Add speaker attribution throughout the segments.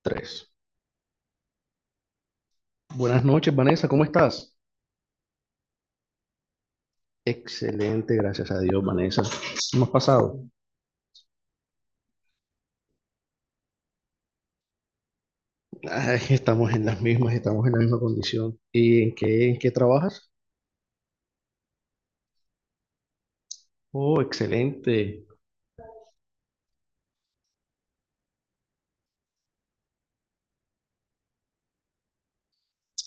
Speaker 1: Tres. Buenas noches, Vanessa, ¿cómo estás? Excelente, gracias a Dios, Vanessa. ¿Cómo has pasado? Ay, estamos en las mismas, estamos en la misma condición. ¿Y en qué trabajas? Oh, excelente.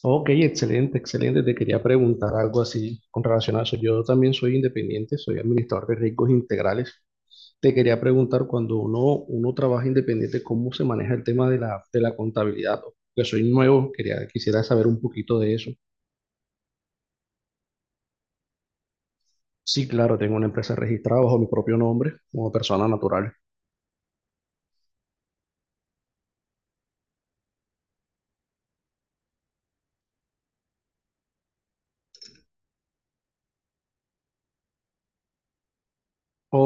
Speaker 1: Ok, excelente, excelente. Te quería preguntar algo así con relación a eso. Yo también soy independiente, soy administrador de riesgos integrales. Te quería preguntar, cuando uno trabaja independiente, ¿cómo se maneja el tema de la contabilidad? Porque soy nuevo, quisiera saber un poquito de eso. Sí, claro, tengo una empresa registrada bajo mi propio nombre como persona natural. O,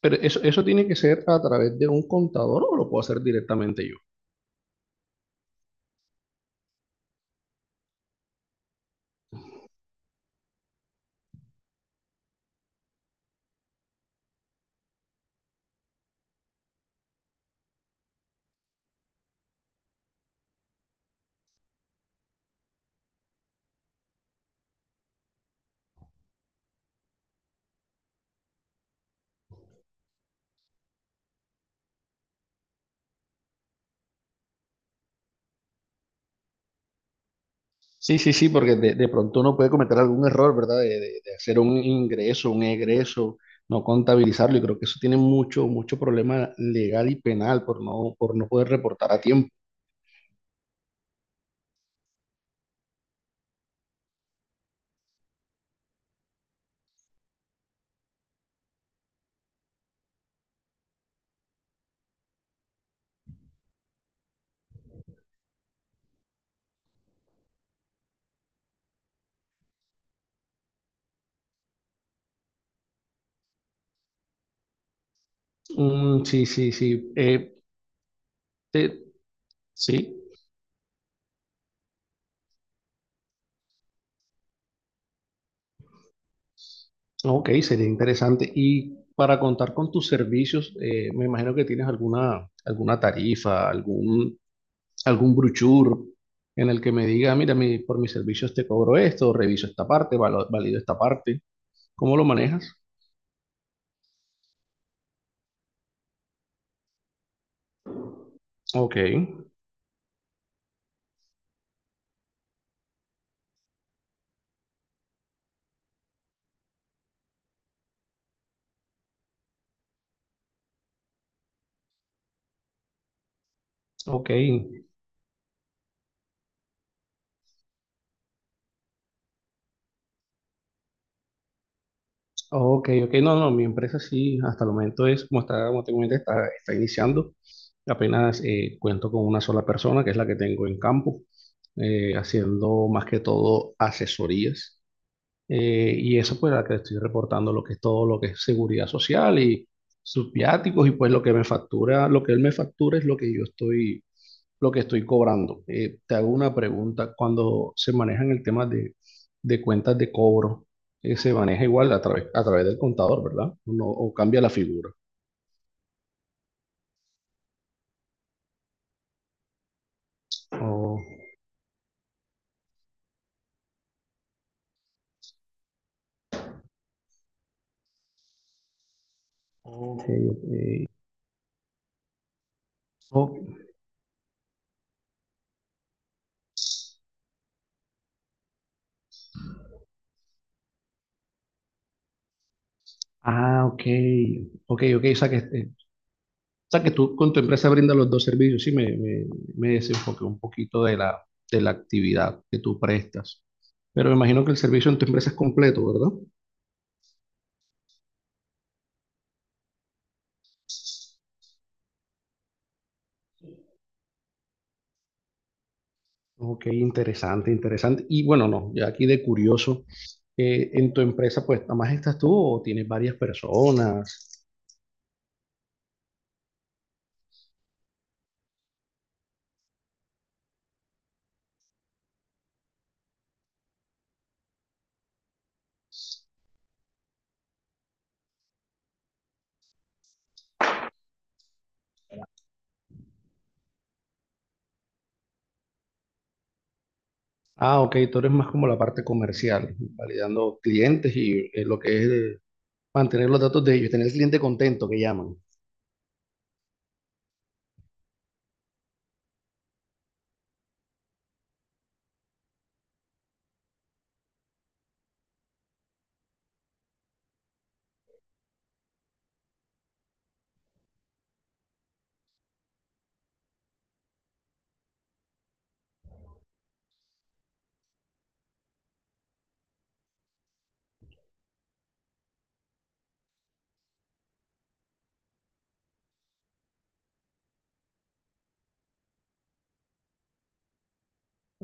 Speaker 1: pero eso tiene que ser a través de un contador o lo puedo hacer directamente yo. Sí, sí, sí, porque de pronto uno puede cometer algún error, ¿verdad? De hacer un ingreso, un egreso, no contabilizarlo. Y creo que eso tiene mucho, mucho problema legal y penal por no poder reportar a tiempo. Mm, sí, sí, sí. Te- sí. Ok, sería interesante. Y para contar con tus servicios, me imagino que tienes alguna tarifa, algún brochure en el que me diga, mira, por mis servicios te cobro esto, reviso esta parte, valido esta parte. ¿Cómo lo manejas? Ok, ok, ok, ok. No, no, mi empresa sí, hasta el momento es, como está, como te comenté, está iniciando. Apenas cuento con una sola persona, que es la que tengo en campo, haciendo más que todo asesorías. Y eso pues la que estoy reportando lo que es todo lo que es seguridad social y sus viáticos, y pues lo que me factura, lo que él me factura, es lo que yo estoy, lo que estoy cobrando. Te hago una pregunta, cuando se manejan el tema de cuentas de cobro, se maneja igual a través del contador, ¿verdad? ¿O no? ¿O cambia la figura? O- Oh, sí, ok. Oh, ah, ok, ok, ok, o sea que, o sea, que tú con tu empresa brindas los dos servicios. Sí, me desenfoqué un poquito de la actividad que tú prestas. Pero me imagino que el servicio en tu empresa es completo, ¿verdad? Ok, interesante, interesante. Y bueno, no, ya aquí de curioso, en tu empresa, pues, ¿nada más estás tú o tienes varias personas? Ah, ok, tú eres más como la parte comercial, validando clientes y lo que es de mantener los datos de ellos, tener el cliente contento que llaman.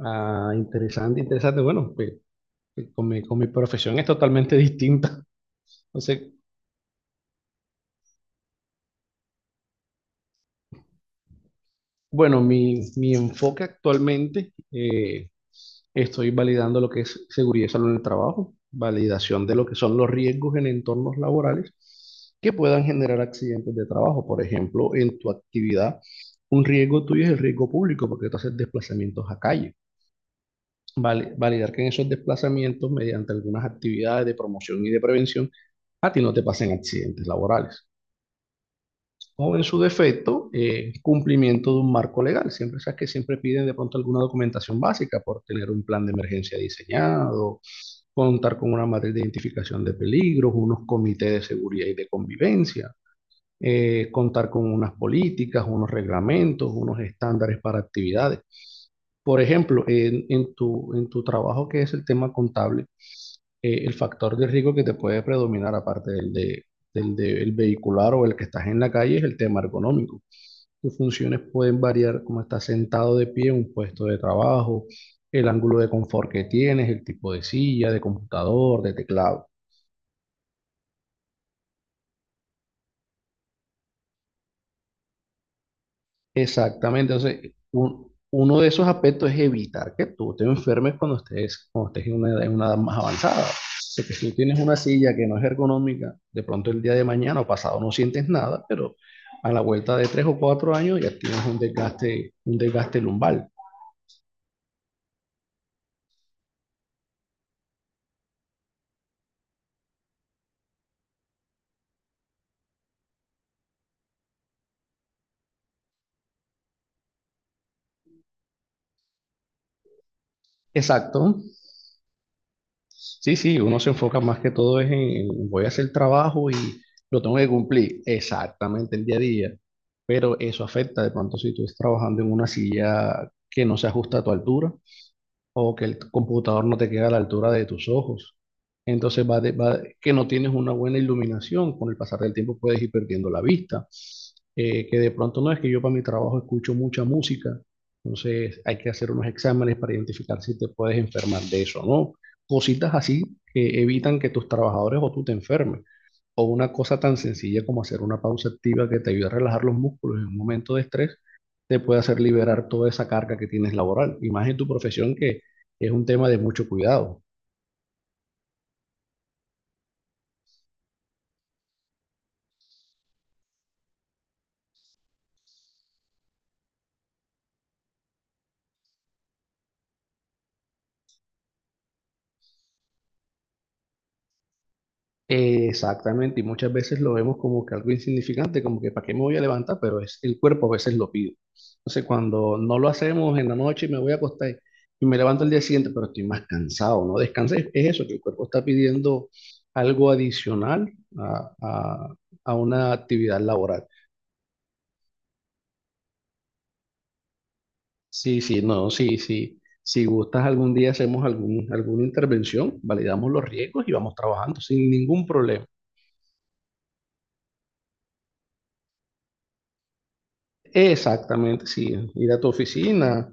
Speaker 1: Ah, interesante, interesante. Bueno, pues, que con mi profesión es totalmente distinta. Entonces, bueno, mi enfoque actualmente, estoy validando lo que es seguridad y salud en el trabajo, validación de lo que son los riesgos en entornos laborales que puedan generar accidentes de trabajo. Por ejemplo, en tu actividad, un riesgo tuyo es el riesgo público porque tú haces desplazamientos a calle. Vale, validar que en esos desplazamientos, mediante algunas actividades de promoción y de prevención, a ti no te pasen accidentes laborales. O en su defecto, cumplimiento de un marco legal. Siempre sabes que siempre piden de pronto alguna documentación básica por tener un plan de emergencia diseñado, contar con una matriz de identificación de peligros, unos comités de seguridad y de convivencia, contar con unas políticas, unos reglamentos, unos estándares para actividades. Por ejemplo, en tu trabajo que es el tema contable, el factor de riesgo que te puede predominar, aparte del el vehicular o el que estás en la calle, es el tema ergonómico. Tus funciones pueden variar como estás sentado de pie en un puesto de trabajo, el ángulo de confort que tienes, el tipo de silla, de computador, de teclado. Exactamente, entonces uno de esos aspectos es evitar que tú te enfermes cuando estés en una edad más avanzada. Porque si tú tienes una silla que no es ergonómica, de pronto el día de mañana o pasado no sientes nada, pero a la vuelta de 3 o 4 años ya tienes un desgaste lumbar. Exacto. Sí, sí, uno se enfoca más que todo es en voy a hacer trabajo y lo tengo que cumplir exactamente el día a día, pero eso afecta de pronto si tú estás trabajando en una silla que no se ajusta a tu altura, o que el computador no te queda a la altura de tus ojos. Entonces que no tienes una buena iluminación, con el pasar del tiempo puedes ir perdiendo la vista. Que de pronto no es que yo para mi trabajo escucho mucha música, entonces hay que hacer unos exámenes para identificar si te puedes enfermar de eso, ¿no? Cositas así que evitan que tus trabajadores o tú te enfermes. O una cosa tan sencilla como hacer una pausa activa que te ayude a relajar los músculos en un momento de estrés, te puede hacer liberar toda esa carga que tienes laboral. Y más en tu profesión que es un tema de mucho cuidado. Exactamente, y muchas veces lo vemos como que algo insignificante, como que para qué me voy a levantar, pero es el cuerpo a veces lo pide. Entonces, cuando no lo hacemos en la noche, me voy a acostar y me levanto el día siguiente, pero estoy más cansado, ¿no? Descansé, es eso, que el cuerpo está pidiendo algo adicional a, a- a una actividad laboral. Sí, sí, no, sí, sí. Si gustas, algún día hacemos alguna intervención, validamos los riesgos y vamos trabajando sin ningún problema. Exactamente, sí. Ir a tu oficina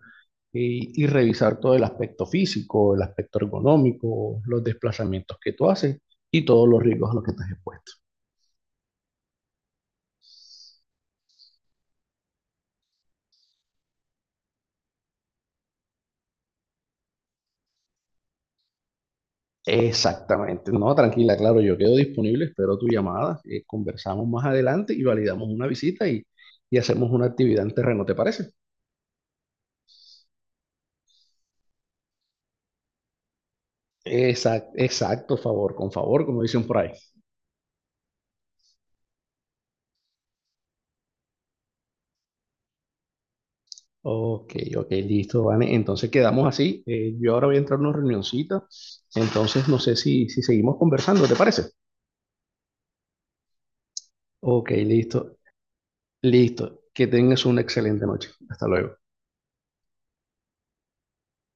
Speaker 1: y revisar todo el aspecto físico, el aspecto ergonómico, los desplazamientos que tú haces y todos los riesgos a los que estás expuesto. Exactamente. No, tranquila, claro, yo quedo disponible, espero tu llamada, conversamos más adelante y validamos una visita y hacemos una actividad en terreno, ¿te parece? Exacto, exacto, favor, con favor, como dicen por ahí. Ok, ok, listo, Vane. Entonces quedamos así. Yo ahora voy a entrar a una reunioncita. Entonces no sé si seguimos conversando, ¿te parece? Ok, listo, listo. Que tengas una excelente noche. Hasta luego.